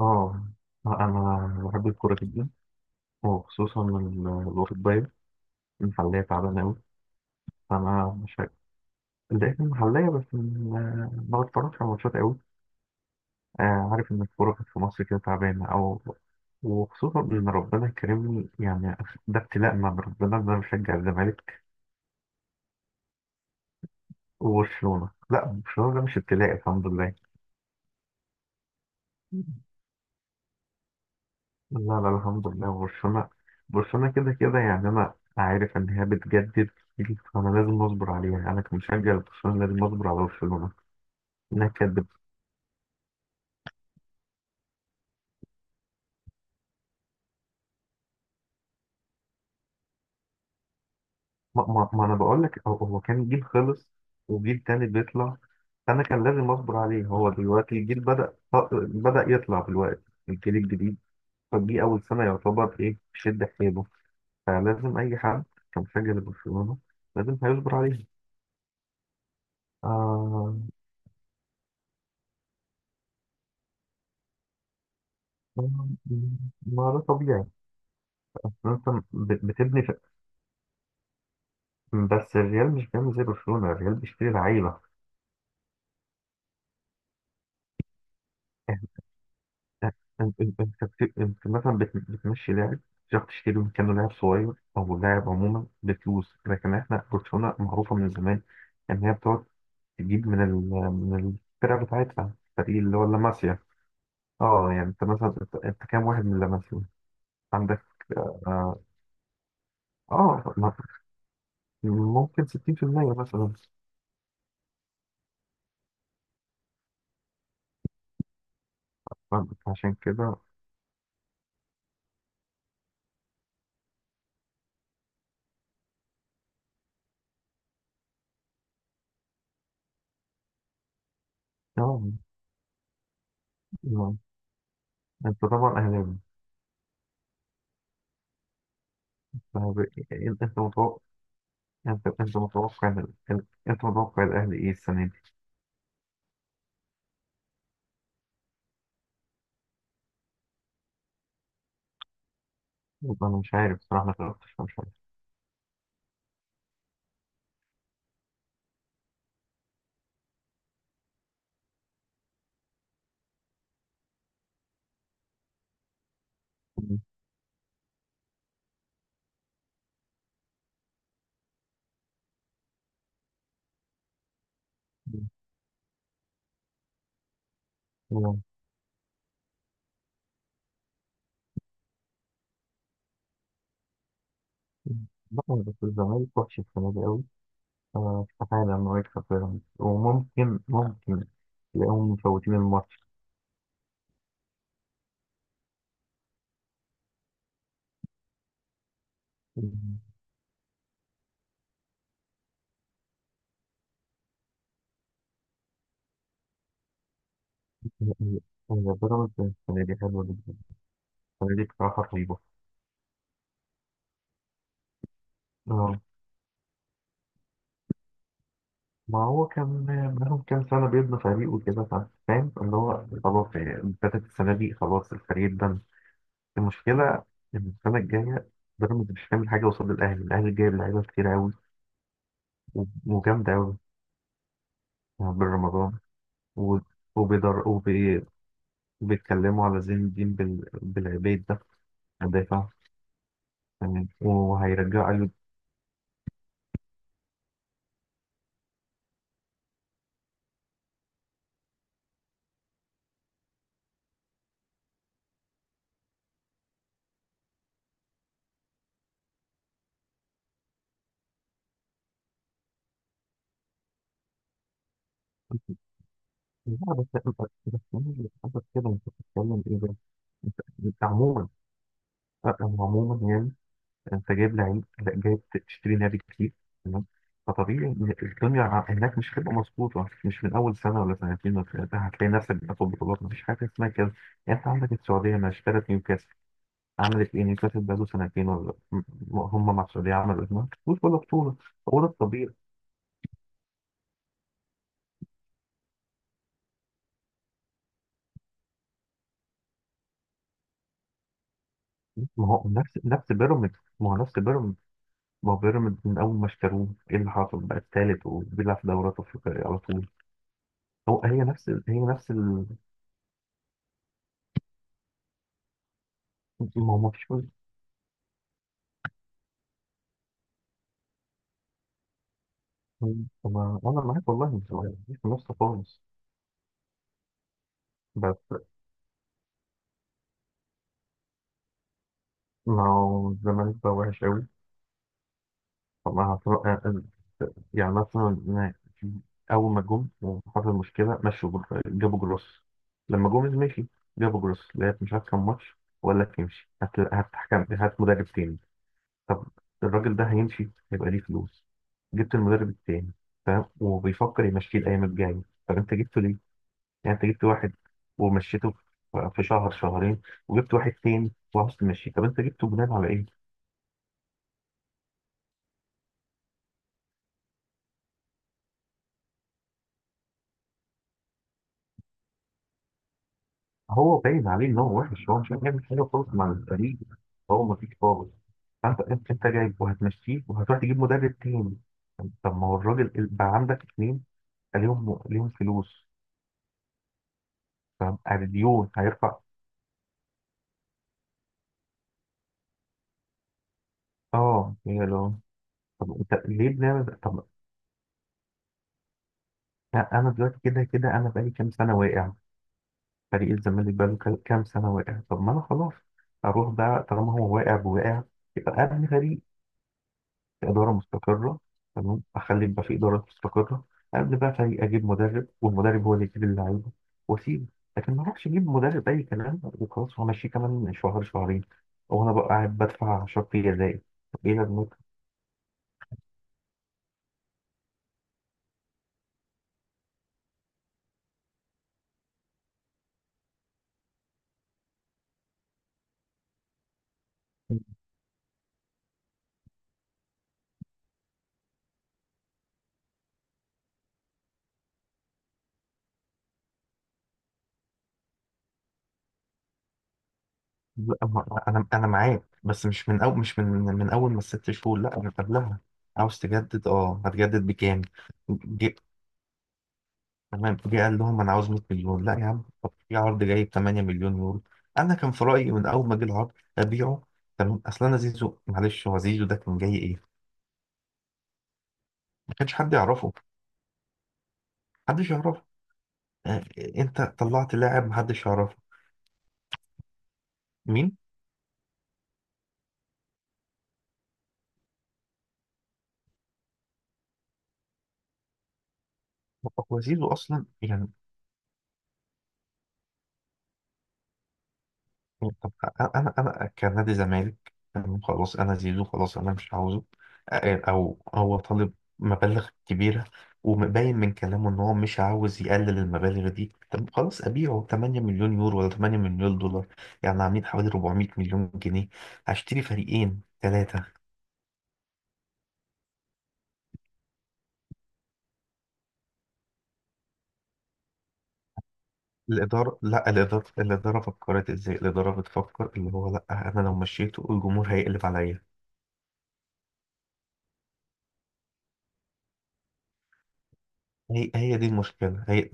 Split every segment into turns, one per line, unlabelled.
اه، انا بحب الكوره جدا، وخصوصا الأوروبية. المحلية تعبانة أوي. فأنا مش فاكر. لقيت المحلية بس، ما بتفرجش على ماتشات أوي. عارف إن الكورة كانت في مصر كده تعبانة أو. وخصوصا إن ربنا كرمني، يعني ده ابتلاء من ربنا إن أنا بشجع الزمالك وبرشلونة. لا، برشلونة ده مش ابتلاء، الحمد لله. لا، لا، الحمد لله، برشلونة. برشلونة كده كده، يعني أنا عارف إن هي بتجدد كتير، فأنا لازم أصبر عليها. يعني أنا كمشجع لبرشلونة لازم أصبر على برشلونة إنها تجدد. ما أنا بقول لك، هو كان جيل خلص، وجيل تاني بيطلع. أنا كان لازم أصبر عليه. هو دلوقتي الجيل بدأ، بدأ يطلع دلوقتي، الجيل الجديد. فدي أول سنة يعتبر إيه شد حيله. فلازم أي حد كمشجع لبرشلونة لازم هيصبر عليها. آه، ما ده طبيعي. انت بتبني في... بس الريال مش بيعمل زي برشلونة، الريال بيشتري لعيبة. انت انت انت مثلا بتمشي لاعب، تروح تشتري مكانه لاعب صغير او لاعب عموما بفلوس. لكن احنا برشلونة معروفة من زمان ان هي بتقعد تجيب من ال... من الفرقة بتاعتها، الفريق اللي هو لاماسيا. اه يعني انت مثلا، انت كام واحد من لاماسيا عندك؟ اه, آه ما- ممكن 60% مثلا، عشان كده. اه آه. انت طبعا اهلاوي. ما هو انت متوقع، انت متوقع انت متوقع الاهلي ايه السنه دي؟ والله انا مش عارف بصراحه، ما تعرفش، مش عارف. مم. مم. لا، بس الزمالك وحش السنه دي قوي، فاستحاله انه يكسب بيراميدز. وممكن، ممكن تلاقيهم مفوتين الماتش. مم. هي هي بيراميدز السنه دي حلوه جدا. السنه دي بصراحه رهيبه. آه. ما هو كان بقالهم كام سنة بيبني فريق وكده، فاهم، اللي هو خلاص يعني ابتدت السنة دي خلاص الفريق ده. المشكلة إن السنة الجاية بيراميدز مش هتعمل حاجة قصاد الأهلي، الأهلي جايب لعيبة كتير أوي، وجامدة أوي. يعني بن رمضان، و- وبيدر، وبيتكلموا على زين الدين بالعبيد ده، مدافع. يعني وهيرجعوا أيوب. لا بس، بس مين اللي حصل كده؟ أنت بتتكلم إيه ده؟ أنت أنت عموما، لا، هو عموما. يعني انت جايب لعيب، لا، جايب، تشتري نادي كتير. تمام، فطبيعي ان الدنيا هناك مش هتبقى مظبوطه مش من اول سنه ولا سنتين ولا ثلاثه. هتلاقي نفسك بتاخد بطولات، مفيش حاجه اسمها كده. يعني انت عندك السعوديه ما اشترت نيوكاسل، عملت ايه نيوكاسل بقاله سنتين، ولا هم مع السعوديه عملوا ايه؟ ما كسبوش ولا بطوله. هو ده الطبيعي. ما هو نفس بيراميدز، ما هو نفس بيراميدز. ما هو بيراميدز من اول ما اشتروه ايه اللي حصل؟ بقى الثالث، وبيلعب في دوريات افريقيه على طول. هو هي نفس هي نفس ال- ما هو مفيش. ما أنا معاك والله، مش في النص خالص. بس ما هو الزمالك بقى وحش أوي، فما يعني مثلا أنا، أول ما جم وحصل مشكلة مشوا، جابوا جروس. لما جوميز مشي جابوا جروس، لعب مش عارف كام ماتش، وقال لك يمشي. هات، هات حكم، هات مدرب تاني. طب الراجل ده هيمشي، هيبقى ليه فلوس. جبت المدرب التاني، فاهم، وبيفكر يمشيه الأيام الجاية. طب أنت جبته ليه؟ يعني انت جبت واحد، ومشيته في شهر شهرين، وجبت واحد تاني وعاوز تمشيه. طب انت جبته بناء على ايه؟ هو باين عليه ان هو وحش، هو مش هيعمل حاجه خالص مع الفريق. هو ما فيش خالص. فانت، انت جايب، وهتمشيه وهتروح تجيب مدرب تاني. طب ما هو الراجل بقى عندك اتنين، عليهم، ليهم فلوس، فاهم، على ديون هيرفع. اه، هي لو. طب انت ليه بنعمل ده؟ طب، لا، انا دلوقتي كده كده انا بقالي كام سنه واقع، فريق الزمالك بقى له كام سنة واقع. طب ما أنا خلاص أروح بقى، طالما هو واقع بواقع يبقى أبني فريق في إدارة مستقرة. تمام، أخلي يبقى في إدارة مستقرة، أبني بقى فريق، أجيب مدرب، والمدرب هو اللي يجيب اللعيبة، وأسيبه. لكن ما أروحش أجيب مدرب أي كلام وخلاص، وأمشيه كمان شهر شهرين، وأنا بقى قاعد بدفع شرط جزائي. طب إيه لازمتها؟ لا، أنا معاك، بس مش من أول، مش من أول ما الست شهور، لا، من قبلها. عاوز تجدد، أه، هتجدد بكام؟ تمام، جه قال لهم انا عاوز 100 مليون. لا يا عم، طب في عرض جاي ب 8 مليون يورو. انا كان في رايي من اول ما جه العرض ابيعه. تمام، اصل انا زيزو، معلش هو زيزو ده كان جاي ايه؟ ما كانش حد يعرفه، محدش يعرفه. آه، انت طلعت لاعب محدش يعرفه. مين؟ هو زيزو اصلا. يعني طب انا انا أنا كنادي زمالك، تمام، خلاص انا زيزو، خلاص انا مش عاوزه، او هو طالب مبالغ كبيره ومبين من كلامه ان هو مش عاوز يقلل المبالغ دي. طب خلاص ابيعه 8 مليون يورو ولا 8 مليون دولار، يعني عاملين حوالي 400 مليون جنيه، هشتري فريقين ثلاثه. الاداره، لا، الاداره فكرت ازاي. الاداره بتفكر اللي هو، لا، انا لو مشيته الجمهور هيقلب عليا. هي دي المشكله، هي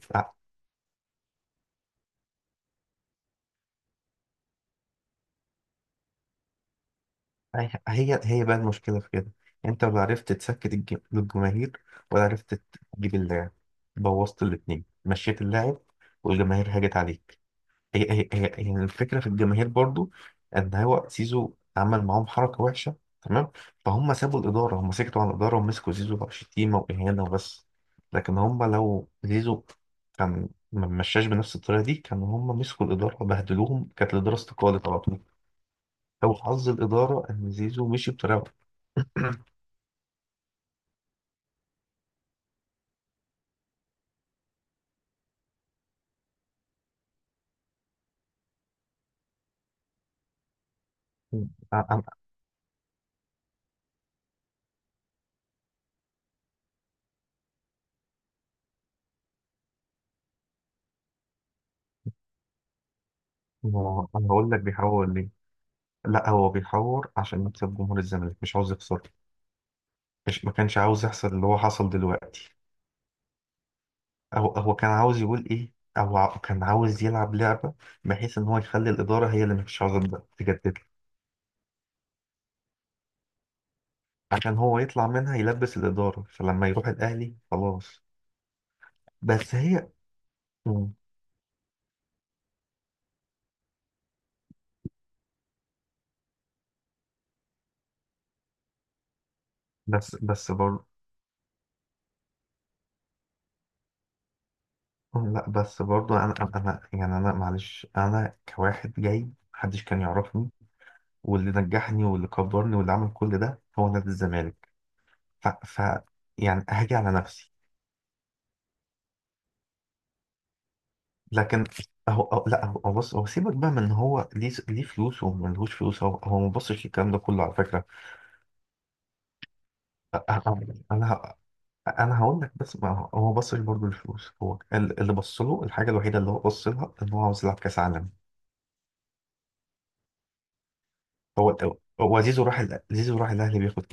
هي هي هي بقى المشكلة في كده. انت ولا عرفت تسكت الجماهير، ولا عرفت تجيب اللاعب، بوظت الاتنين، مشيت اللاعب والجماهير هاجت عليك. هي الفكرة في الجماهير برضو، ان هو زيزو عمل معاهم حركة وحشة. تمام، فهم سابوا الإدارة، هم سكتوا عن الإدارة ومسكوا زيزو بقى شتيمة وإهانة وبس. لكن هم لو زيزو كان ما مشاش بنفس الطريقة دي، كانوا هم مسكوا الإدارة وبهدلوهم، كانت الإدارة استقالت على طول. او حظ الاداره ان زيزو مشي بطريقه. انا أنا- أنا هقول لك بيحور ليه. لا، هو بيحور عشان يكسب جمهور الزمالك، مش عاوز يخسر، مش ما كانش عاوز يحصل اللي هو حصل دلوقتي. هو كان عاوز يقول ايه، او كان عاوز يلعب لعبه، بحيث ان هو يخلي الاداره هي اللي مش عاوزه تجدد له، عشان هو يطلع منها، يلبس الاداره، فلما يروح الاهلي خلاص. بس هي. مم. بس برضه. لا، بس برضو، يعني انا معلش، انا كواحد جاي محدش كان يعرفني، واللي نجحني واللي كبرني واللي عمل كل ده هو نادي الزمالك. ف، يعني هاجي على نفسي. لكن، أهو، لا، هو بص، هو سيبك بقى من إن هو ليه، فلوس وملهوش فلوس. هو ما بصش الكلام ده كله على فكره. انا انا ه- أنا هقول لك. بس ما هو، ما بصش برضو للفلوس، هو اللي بص له، الحاجه الوحيده اللي هو بص لها ان هو عاوز يلعب كاس عالم. هو هو زيزو راح ال- زيزو راح الاهلي بياخد،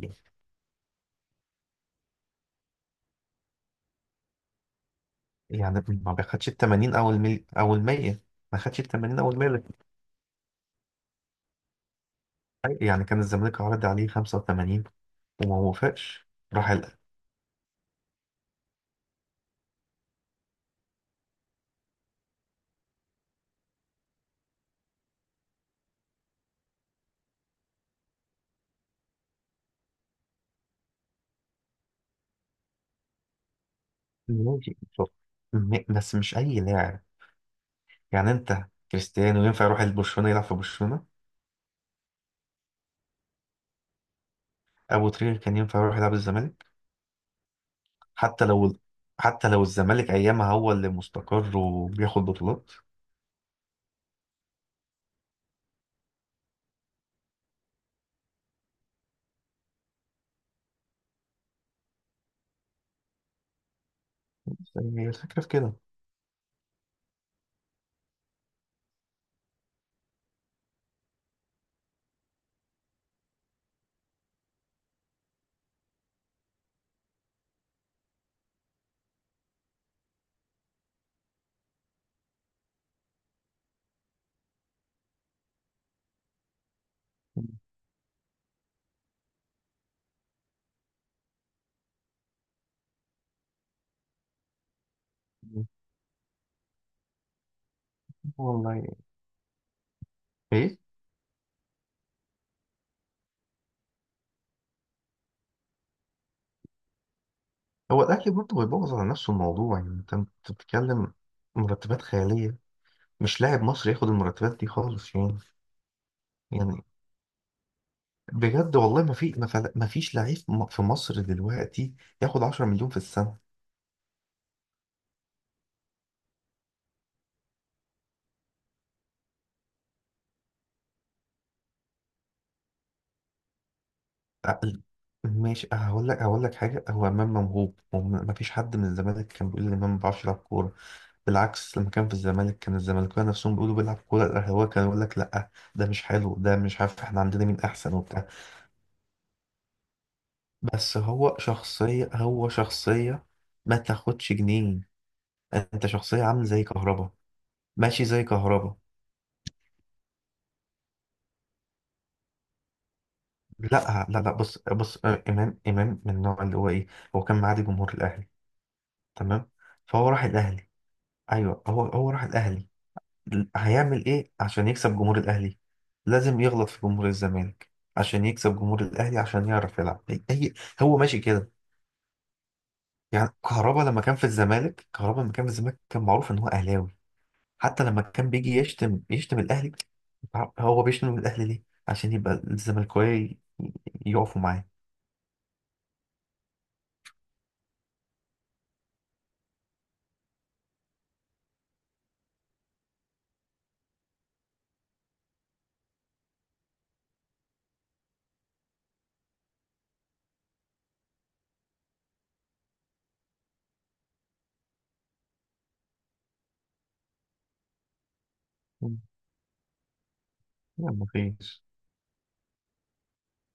يعني ما بياخدش ال 80 او او ال 100، ما خدش ال 80 او ال 100 اللي في الحقيقة. يعني كان الزمالك عرض عليه 85 وما وافقش. راح قال ماشي. شوف، بس مش اي لاعب، يعني انت، كريستيانو ينفع يروح لبرشلونة يلعب في برشلونة؟ ابو تريكة كان ينفع يروح يلعب الزمالك؟ حتى لو، الزمالك ايامها هو اللي مستقر وبياخد بطولات. بس هي الفكرة في كده. والله ايه. هو الاهلي برضه بيبوظ على نفسه الموضوع، يعني انت بتتكلم مرتبات خيالية، مش لاعب مصري ياخد المرتبات دي خالص، يعني. يعني بجد والله، ما في، ما فيش لعيب، في مصر دلوقتي ياخد 10 مليون في السنة، أقل. ماشي، هقول لك، حاجة، هو إمام موهوب، ما فيش حد من الزمالك كان بيقول إن إمام ما بيعرفش يلعب كورة. بالعكس، لما كان في الزمالك كان الزمالكاويه نفسهم بيقولوا بيلعب كورة، الأهلاوية كانوا يقول لك لأ، ده مش حلو، ده مش عارف، إحنا عندنا مين أحسن وبتاع. بس هو شخصية، هو شخصية، ما تاخدش جنيه. أنت شخصية عامل زي كهربا. ماشي، زي كهربا. لا، لا، لا، بص، بص، امام، امام من النوع اللي هو ايه، هو كان معادي جمهور الاهلي، تمام. فهو راح الاهلي. ايوه، هو راح الاهلي. هيعمل ايه عشان يكسب جمهور الاهلي؟ لازم يغلط في جمهور الزمالك، عشان يكسب جمهور الاهلي، عشان يعرف يلعب. هو ماشي كده. يعني كهربا لما كان في الزمالك، كان معروف ان هو اهلاوي. حتى لما كان بيجي يشتم، الاهلي. هو بيشتم الاهلي ليه؟ عشان يبقى الزملكاويه يقفوا معاه. يلا، مفيش.